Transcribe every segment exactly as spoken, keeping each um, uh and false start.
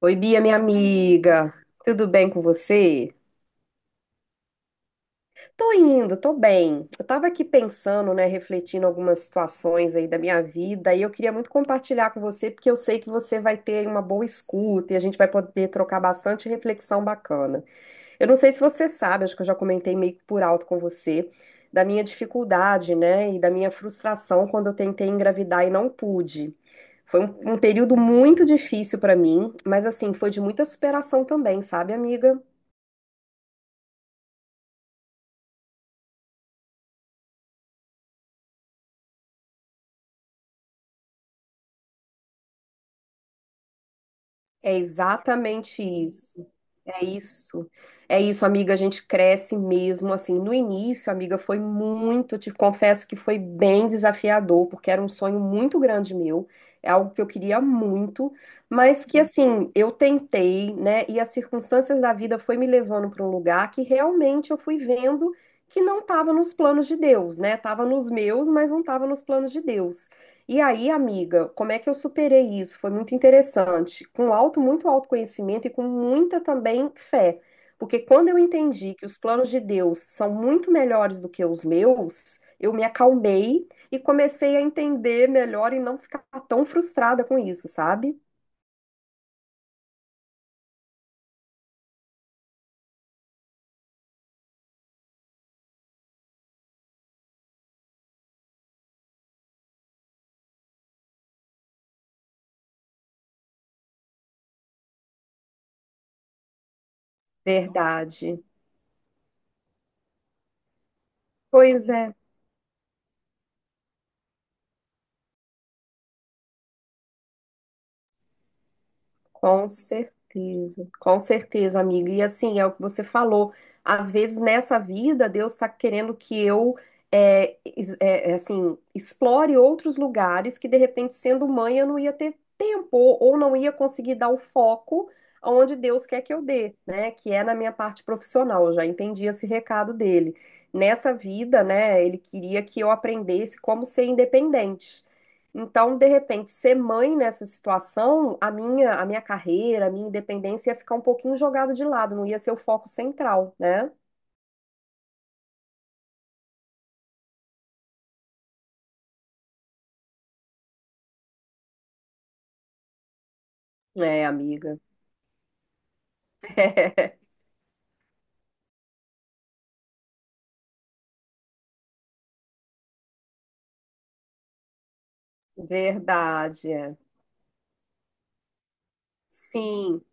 Oi, Bia, minha amiga. Tudo bem com você? Tô indo, tô bem. Eu tava aqui pensando, né, refletindo algumas situações aí da minha vida e eu queria muito compartilhar com você porque eu sei que você vai ter uma boa escuta e a gente vai poder trocar bastante reflexão bacana. Eu não sei se você sabe, acho que eu já comentei meio que por alto com você da minha dificuldade, né, e da minha frustração quando eu tentei engravidar e não pude. Foi um, um período muito difícil pra mim, mas assim, foi de muita superação também, sabe, amiga? É exatamente isso. É isso. É isso, amiga. A gente cresce mesmo assim. No início, amiga, foi muito, te confesso que foi bem desafiador, porque era um sonho muito grande meu. É algo que eu queria muito, mas que assim, eu tentei, né? E as circunstâncias da vida foi me levando para um lugar que realmente eu fui vendo que não estava nos planos de Deus, né? Tava nos meus, mas não estava nos planos de Deus. E aí, amiga, como é que eu superei isso? Foi muito interessante. Com alto, muito autoconhecimento e com muita também fé. Porque quando eu entendi que os planos de Deus são muito melhores do que os meus, eu me acalmei e comecei a entender melhor e não ficar tão frustrada com isso, sabe? Verdade. Pois é. Com certeza, com certeza, amiga. E assim, é o que você falou. Às vezes nessa vida, Deus está querendo que eu, é, es- é, é, assim, explore outros lugares que de repente, sendo mãe, eu não ia ter tempo ou ou não ia conseguir dar o foco aonde Deus quer que eu dê, né? Que é na minha parte profissional. Eu já entendi esse recado dele. Nessa vida, né, ele queria que eu aprendesse como ser independente. Então, de repente, ser mãe nessa situação, a minha, a minha carreira, a minha independência ia ficar um pouquinho jogada de lado, não ia ser o foco central, né? É, amiga. É, verdade, é. Sim.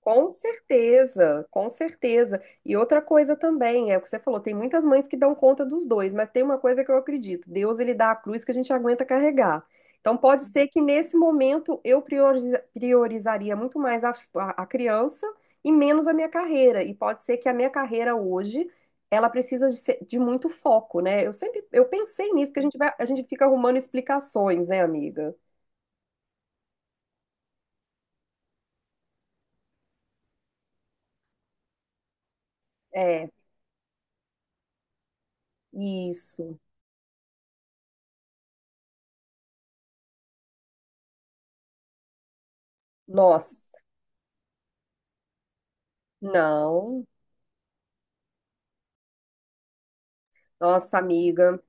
Com certeza, com certeza. E outra coisa também, é o que você falou, tem muitas mães que dão conta dos dois, mas tem uma coisa que eu acredito, Deus ele dá a cruz que a gente aguenta carregar. Então pode ser que nesse momento eu prioriza- priorizaria muito mais a, a- a criança e menos a minha carreira. E pode ser que a minha carreira hoje, ela precisa de, ser- de muito foco, né? Eu sempre, eu pensei nisso, porque a gente vai, a gente fica arrumando explicações, né, amiga? É, isso. Nossa, não. Nossa, amiga,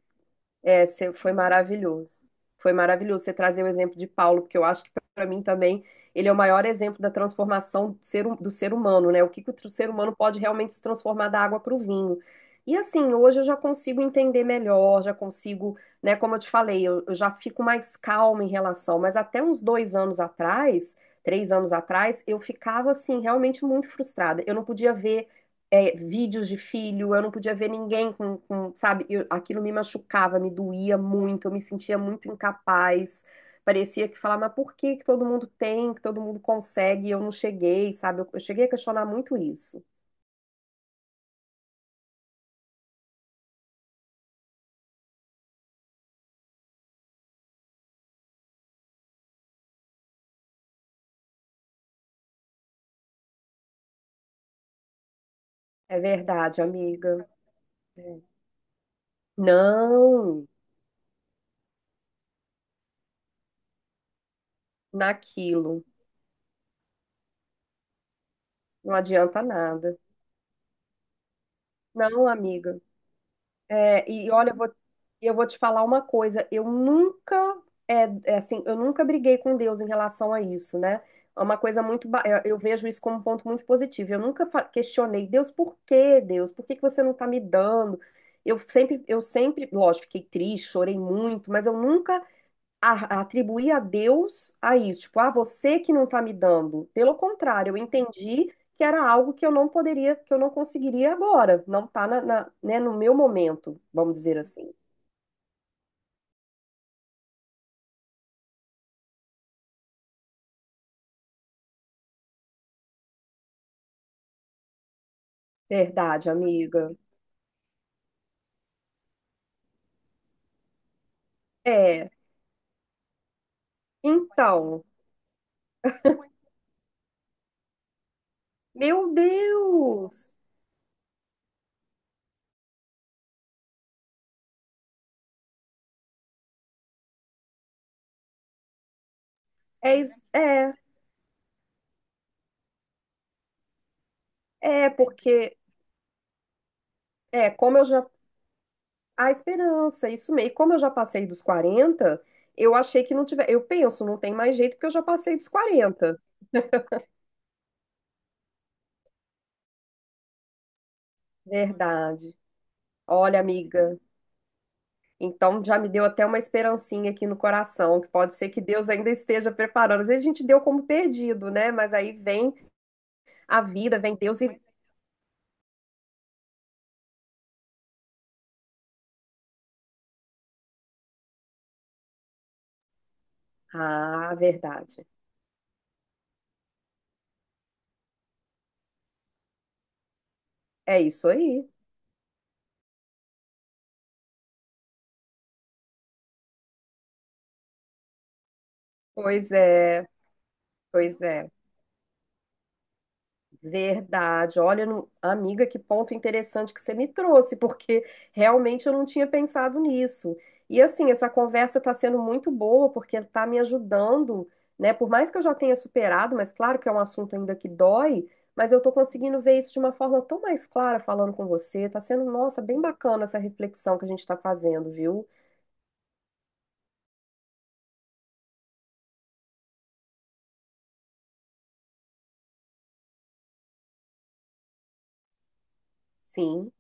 é, cê- foi maravilhoso. Foi maravilhoso você trazer o exemplo de Paulo, porque eu acho que para mim também ele é o maior exemplo da transformação do ser, hu- do ser humano, né? O que, que o tr- ser humano pode realmente se transformar da água para o vinho. E assim, hoje eu já consigo entender melhor, já consigo, né? Como eu te falei, eu, eu já fico mais calma em relação, mas até uns dois anos atrás, três anos atrás, eu ficava assim, realmente muito frustrada. Eu não podia ver é, vídeos de filho, eu não podia ver ninguém com, com, sabe? Eu- aquilo me machucava, me doía muito, eu me sentia muito incapaz. Parecia que falava, mas por que que todo mundo tem, que todo mundo consegue, e eu não cheguei, sabe? Eu, eu cheguei a questionar muito isso. É verdade, amiga. É. Não, naquilo. Não adianta nada. Não, amiga. É, e olha, eu vou, eu vou te falar uma coisa, eu nunca, é, é assim, eu nunca briguei com Deus em relação a isso, né? É uma coisa muito, ba- eu eu vejo isso como um ponto muito positivo. Eu nunca fa- questionei, Deus, por que Deus? Por que que você não tá me dando? Eu sempre, eu sempre, lógico, fiquei triste, chorei muito, mas eu nunca a- atribuir a Deus a isso, tipo, ah, você que não está me dando. Pelo contrário, eu entendi que era algo que eu não poderia, que eu não conseguiria agora, não está na, na- né, no meu momento, vamos dizer assim. Verdade, amiga. É, então, meu Deus, é, is- é, é, porque, é, como eu já, a esperança, isso mesmo, e como eu já passei dos quarenta, eu achei que não tiver, eu penso, não tem mais jeito porque eu já passei dos quarenta. Verdade. Olha, amiga, então já me deu até uma esperancinha aqui no coração, que pode ser que Deus ainda esteja preparando. Às vezes a gente deu como perdido, né? Mas aí vem a vida, vem Deus e. Ah, verdade. É isso aí. Pois é, pois é. Verdade. Olha, não- amiga, que ponto interessante que você me trouxe, porque realmente eu não tinha pensado nisso. E assim, essa conversa está sendo muito boa, porque está me ajudando, né? Por mais que eu já tenha superado, mas claro que é um assunto ainda que dói, mas eu estou conseguindo ver isso de uma forma tão mais clara falando com você. Está sendo, nossa, bem bacana essa reflexão que a gente está fazendo, viu? Sim.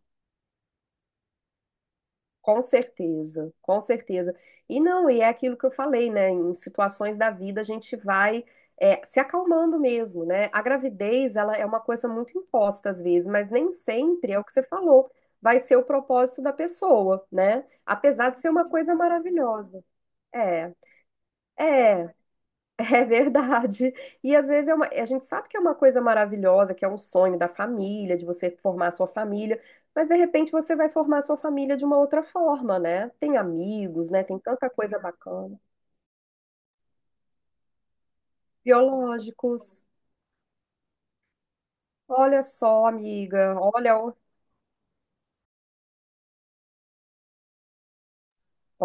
Com certeza, com certeza. E não, e é aquilo que eu falei, né? Em situações da vida a gente vai é, se acalmando mesmo, né? A gravidez, ela é uma coisa muito imposta às vezes, mas nem sempre é o que você falou, vai ser o propósito da pessoa, né? Apesar de ser uma coisa maravilhosa. É, é, É verdade. E às vezes é uma, a gente sabe que é uma coisa maravilhosa, que é um sonho da família, de você formar a sua família, mas de repente você vai formar a sua família de uma outra forma, né? Tem amigos, né? Tem tanta coisa bacana. Biológicos. Olha só, amiga, olha.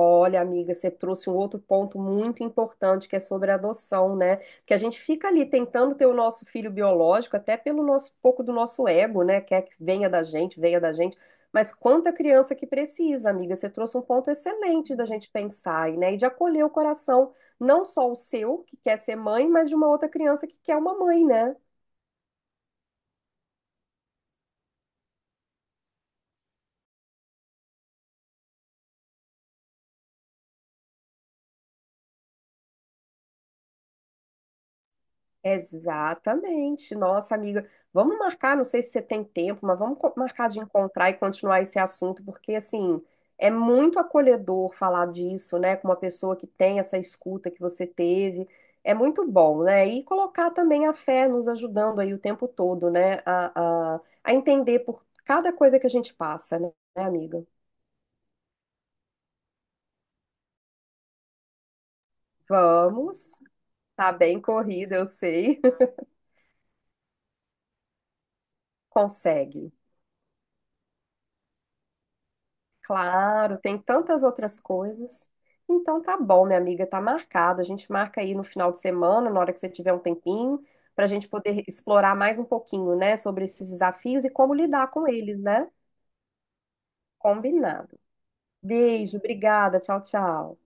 Olha, amiga, você trouxe um outro ponto muito importante que é sobre a adoção, né? Porque a gente fica ali tentando ter o nosso filho biológico, até pelo nosso pouco do nosso ego, né? Quer que venha da gente, venha da gente. Mas quanta criança que precisa, amiga, você trouxe um ponto excelente da gente pensar, né? E de acolher o coração, não só o seu, que quer ser mãe, mas de uma outra criança que quer uma mãe, né? Exatamente. Nossa, amiga, vamos marcar, não sei se você tem tempo, mas vamos co- marcar de encontrar e continuar esse assunto, porque assim, é muito acolhedor falar disso, né, com uma pessoa que tem essa escuta que você teve. É muito bom, né? E colocar também a fé nos ajudando aí o tempo todo, né, a, a, a entender por cada coisa que a gente passa, né, né, amiga? Vamos. Tá bem corrida, eu sei. Consegue. Claro, tem tantas outras coisas. Então tá bom, minha amiga, tá marcado. A gente marca aí no final de semana, na hora que você tiver um tempinho, para a gente poder explorar mais um pouquinho, né, sobre esses desafios e como lidar com eles, né? Combinado. Beijo, obrigada, tchau, tchau.